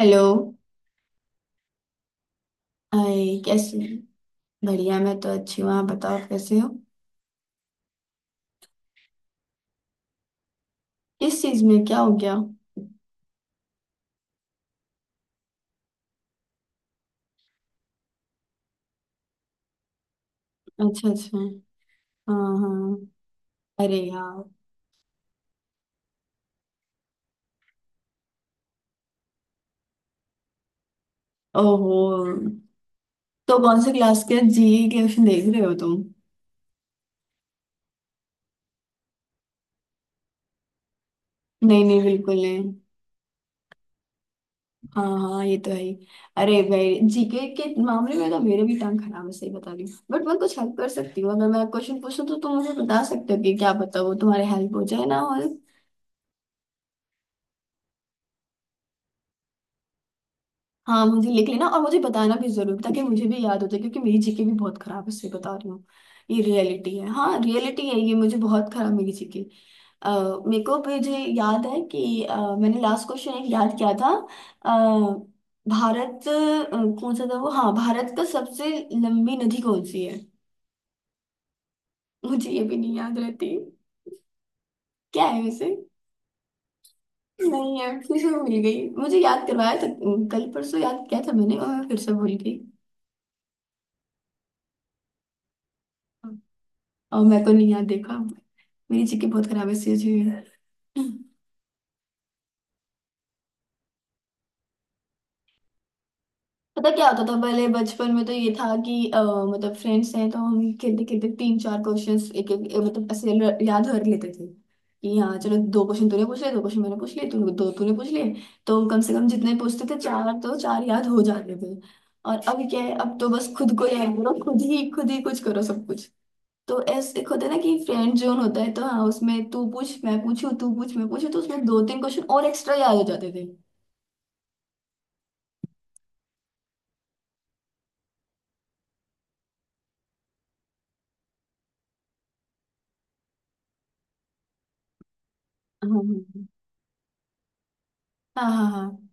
Hello. आई कैसे हैं? बढ़िया, मैं तो अच्छी हूँ, आप बताओ कैसे हो। किस चीज में क्या हो गया? अच्छा अच्छा। हाँ हाँ। अरे यार। ओहो, तो कौन से क्लास के जी क्वेश्चन देख रहे हो तुम? नहीं नहीं, बिल्कुल नहीं। हाँ हाँ, ये तो है ही। अरे भाई, जीके के मामले में तो मेरे भी टांग खराब है, सही बता रही हूँ, बट मैं कुछ हेल्प कर सकती हूँ। अगर मैं क्वेश्चन पूछूं तो तुम मुझे बता सकते हो कि क्या पता वो तुम्हारे हेल्प हो जाए ना। और हाँ, मुझे लिख लेना और मुझे बताना भी जरूर, ताकि मुझे भी याद हो जाए, क्योंकि मेरी जीके भी बहुत खराब है, इसलिए बता रही हूँ। ये रियलिटी है, हाँ रियलिटी है ये, मुझे बहुत खराब मेरी जीके। मेरे को मुझे याद है कि मैंने लास्ट क्वेश्चन एक याद किया था। अह, भारत कौन सा था वो, हाँ, भारत का सबसे लंबी नदी कौन सी है? मुझे ये भी नहीं याद रहती। क्या है वैसे? नहीं है। फिर से भूल गई, मुझे याद करवाया था कल परसों, याद किया था मैंने और मैं फिर से भूल गई। और मैं तो नहीं यार देखा, मेरी जीके बहुत खराब स्थिति हुई है, सीरियसली। पता क्या होता था पहले बचपन में, तो ये था कि मतलब फ्रेंड्स हैं, तो हम खेलते खेलते तीन चार क्वेश्चंस एक एक मतलब ऐसे याद कर लेते थे कि हाँ चलो, दो क्वेश्चन तूने पूछ लिए, दो क्वेश्चन मैंने पूछ लिए, तूने दो तूने पूछ लिए, तो कम से कम जितने पूछते थे चार, तो चार याद हो जाते थे। और अब क्या है, अब तो बस खुद को याद करो, खुद ही कुछ करो सब कुछ। तो ऐसे एक होता है ना कि फ्रेंड जोन होता है, तो हाँ उसमें तू पूछ मैं पूछू, तू पूछ मैं पूछू, तो उसमें दो तीन क्वेश्चन और एक्स्ट्रा याद हो जाते थे। हाँ हाँ हाँ हाँ हाँ।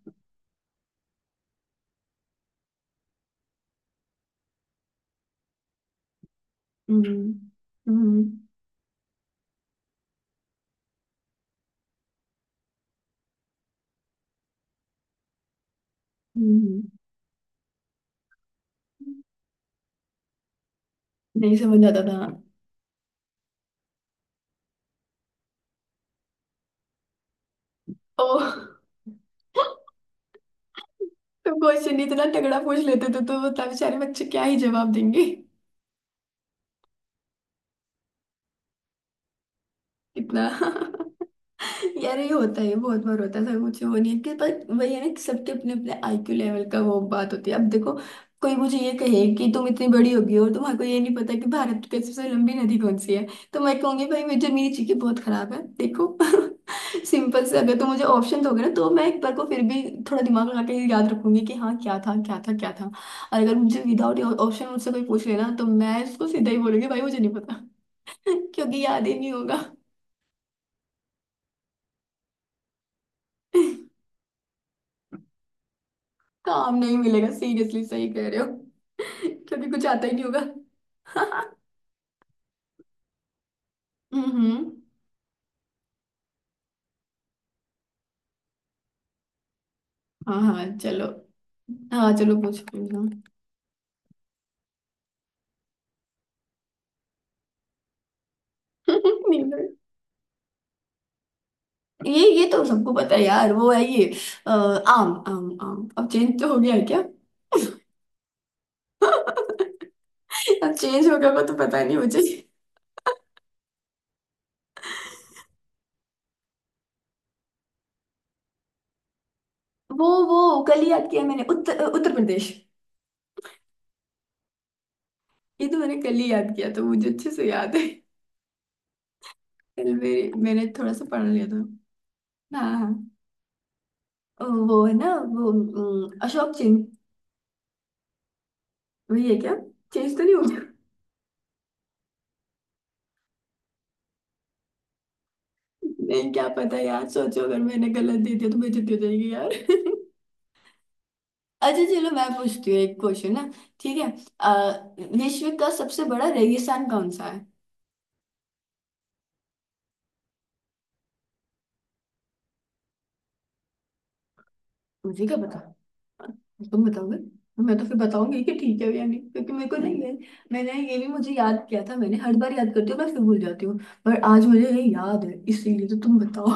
हम्म हम्म। हम्म, नहीं समझ आता था। ओ, तुम क्वेश्चन इतना तगड़ा पूछ लेते थे, तो बता बेचारे बच्चे क्या ही जवाब देंगे। इतना। यार, ये होता है, ये बहुत बार होता है सर, मुझे वो नहीं है कि, पर वही है ना कि सबके अपने अपने आईक्यू लेवल का वो बात होती है। अब देखो, कोई मुझे ये कहे कि तुम इतनी बड़ी होगी और तुम्हारे को ये नहीं पता कि भारत की सबसे लंबी नदी कौन सी है, तो मैं कहूंगी भाई मुझे मेरी चीजें बहुत खराब है, देखो। सिंपल से अगर तुम मुझे ऑप्शन दोगे ना, तो मैं एक बार को फिर भी थोड़ा दिमाग लगा के याद रखूंगी कि हाँ क्या था क्या था क्या था। और अगर मुझे विदाउट ऑप्शन मुझसे कोई पूछ लेना, तो मैं उसको सीधा ही बोलूंगी भाई, मुझे नहीं पता। क्योंकि याद ही नहीं होगा। काम नहीं मिलेगा, सीरियसली सही कह रहे हो। क्योंकि कुछ आता ही नहीं होगा। हम्म। हाँ हाँ चलो। हाँ चलो पूछ पूछो। नींदर। ये तो सबको पता है यार, वो है ये, आम आम आम। अब चेंज तो हो गया है क्या? अब चेंज हो गया वो तो पता नहीं मुझे। वो कल ही याद किया मैंने, उत्तर उत्तर प्रदेश। ये तो मैंने कल ही याद किया, तो मुझे अच्छे से याद है। कल मेरे मैंने थोड़ा सा पढ़ लिया था। हाँ हाँ। वो है ना वो, अशोक चेन। वही है क्या? चेंज तो नहीं हो। मैं क्या पता यार, सोचो अगर मैंने गलत दे दिया तो बेइज्जती हो जाएगी यार। अच्छा चलो, मैं पूछती हूँ एक क्वेश्चन ना। ठीक है। अ, विश्व का सबसे बड़ा रेगिस्तान कौन सा है? मुझे क्या पता, तुम बताओगे, मैं तो फिर बताऊंगी कि ठीक है या नहीं, क्योंकि मेरे को नहीं है। मैंने ये भी मुझे याद किया था, मैंने हर बार याद करती हूँ, मैं फिर भूल जाती हूँ, पर आज मुझे ये याद है, इसीलिए तो तुम बताओ।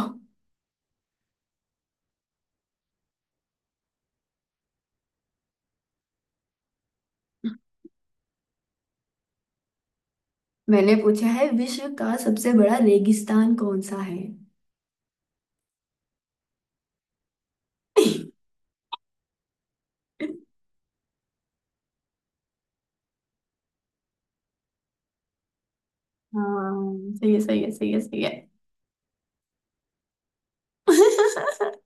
मैंने पूछा है, विश्व का सबसे बड़ा रेगिस्तान कौन सा है? हाँ सही है, सही है, सही है, सही है।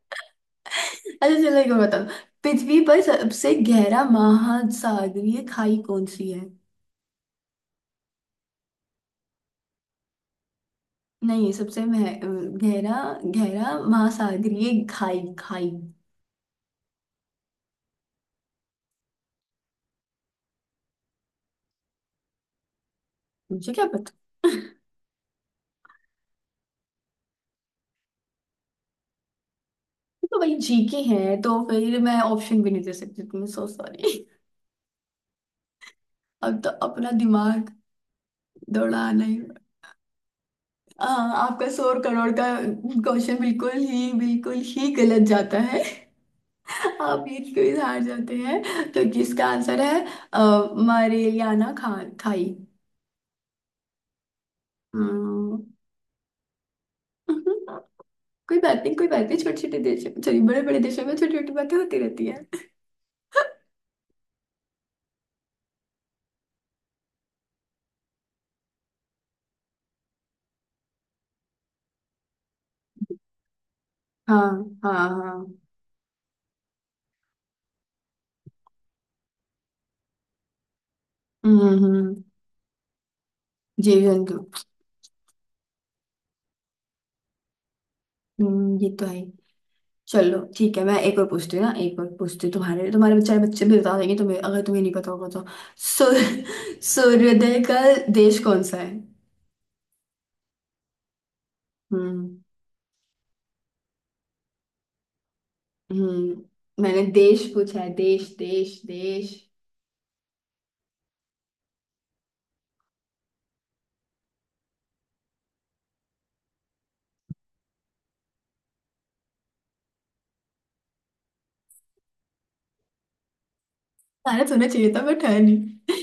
अच्छा चलो, एक और बताओ। पृथ्वी पर सबसे गहरा महासागरीय खाई कौन सी है? नहीं, सबसे गहरा, गहरा महासागरीय खाई खाई। मुझे क्या पता। तो भाई, जी के है तो फिर मैं ऑप्शन भी नहीं दे सकती तुम्हें, सो सॉरी। अब तो अपना दिमाग दौड़ाना ही। आपका 100 करोड़ का क्वेश्चन बिल्कुल ही गलत जाता है, आप ये क्विज हार जाते हैं। तो इसका आंसर है अ, मरेलियाना खा खाई। हाँ। कोई बात नहीं, कोई बात नहीं, छोटे छोटे देशों, सॉरी बड़े बड़े देशों में छोटी छोटी बातें होती रहती है। हाँ हाँ हाँ। हम्म हम्म, जीवन तो। ये तो है। चलो ठीक है, मैं एक और पूछती हूँ ना, एक और पूछती हूँ, तुम्हारे तुम्हारे बेचारे बच्चे भी बता देंगे तुम्हें, अगर तुम्हें नहीं पता होगा तो। सूर्य सूर्योदय का देश कौन सा है? हम्म। हम्म, मैंने देश पूछा है, देश देश देश। भारत होना चाहिए था बट है नहीं।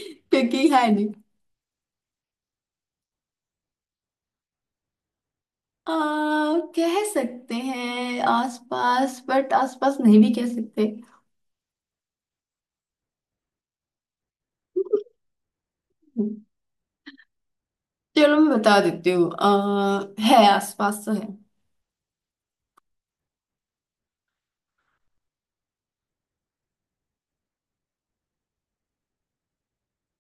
क्योंकि है। आ, कह सकते हैं आसपास, बट आसपास नहीं भी कह सकते। चलो मैं बता देती हूँ, है, आसपास तो है।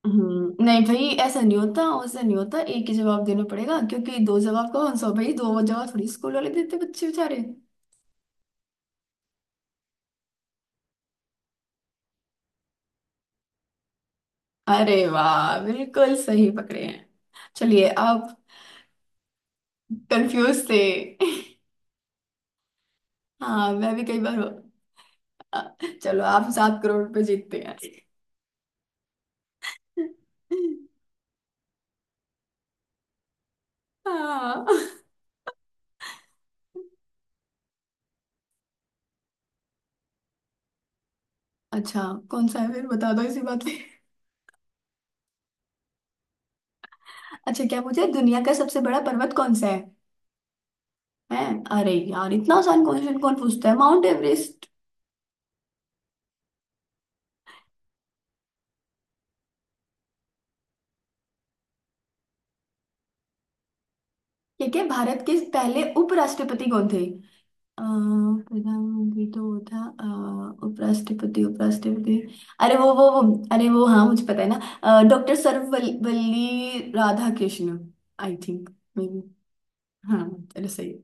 नहीं भाई, ऐसा नहीं होता वैसा नहीं होता, एक ही जवाब देना पड़ेगा, क्योंकि दो जवाब कौन सा भाई, दो जवाब थोड़ी स्कूल वाले देते बच्चे बेचारे। अरे वाह, बिल्कुल सही पकड़े हैं। चलिए आप। कंफ्यूज थे। हाँ, मैं भी कई बार चलो आप 7 करोड़ रुपए जीतते हैं। हाँ। अच्छा, कौन सा है फिर बता दो इसी बात पे। अच्छा क्या पूछे, दुनिया का सबसे बड़ा पर्वत कौन सा है? हैं, अरे यार, इतना आसान क्वेश्चन कौन पूछता है, माउंट एवरेस्ट। ठीक है, भारत के पहले उपराष्ट्रपति कौन थे? अ, प्रधानमंत्री तो वो था, उपराष्ट्रपति उपराष्ट्रपति, अरे वो, अरे वो, हाँ, मुझे पता है ना, doctor Sarvepalli Radhakrishnan. I think. Maybe. हाँ चलो सही है।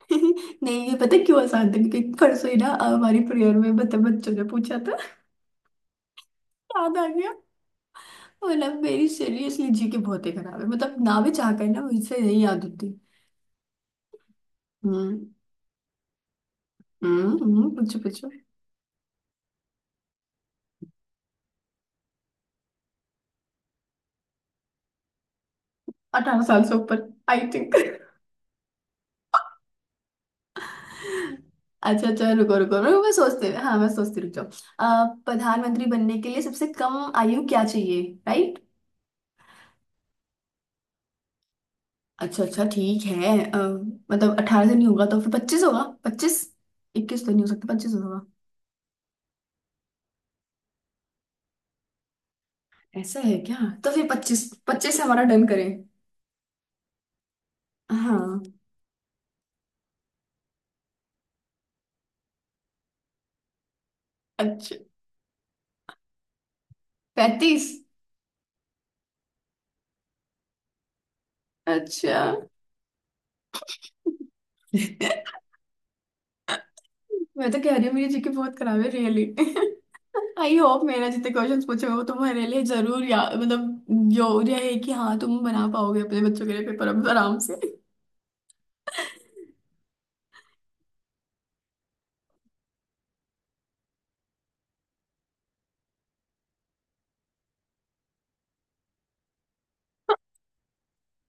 नहीं, ये पता है क्यों आसान था, क्योंकि परसों ही ना, हमारी प्रेयर में बच्चों ने पूछा था, याद आ गया। मतलब मेरी सीरियसली जी के बहुत ही खराब है, मतलब ना भी चाह कर ना मुझसे नहीं याद होती। हम्म हम्म। पूछो पूछो। 18 साल से ऊपर। I think. अच्छा अच्छा, रुको रुको रुको, मैं सोचते हाँ, मैं सोचती रुक जाओ। प्रधानमंत्री बनने के लिए सबसे कम आयु क्या चाहिए? राइट। अच्छा अच्छा ठीक है, मतलब 18 से नहीं होगा तो फिर 25 होगा, पच्चीस, 21 तो नहीं हो सकता, पच्चीस होगा। ऐसा है क्या? तो फिर पच्चीस पच्चीस हमारा डन करें। हाँ। अच्छा, 35। अच्छा। मैं तो कह रही हूँ मेरी जीके बहुत खराब है रियली। आई होप मेरा जितने क्वेश्चंस पूछे हो तुम्हारे लिए जरूर, या मतलब जरूर है कि हाँ तुम बना पाओगे अपने बच्चों के लिए पेपर अब आराम से।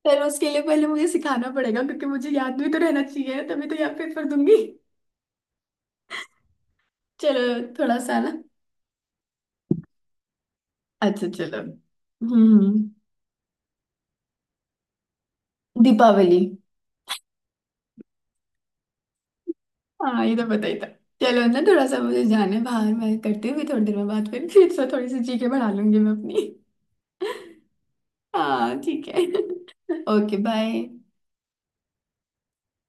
पर उसके लिए पहले मुझे सिखाना पड़ेगा, क्योंकि मुझे याद भी तो रहना चाहिए, तभी तो याद पेपर दूंगी। चलो, थोड़ा सा ना। अच्छा चलो। हम्म। दीपावली। हाँ ये तो पता ही था। चलो ना, थोड़ा सा मुझे जाने बाहर, मैं करती हूँ, फिर थोड़ी देर में बात, फिर से थोड़ी सी जीके बढ़ा लूंगी मैं अपनी। हाँ ठीक है। Okay bye.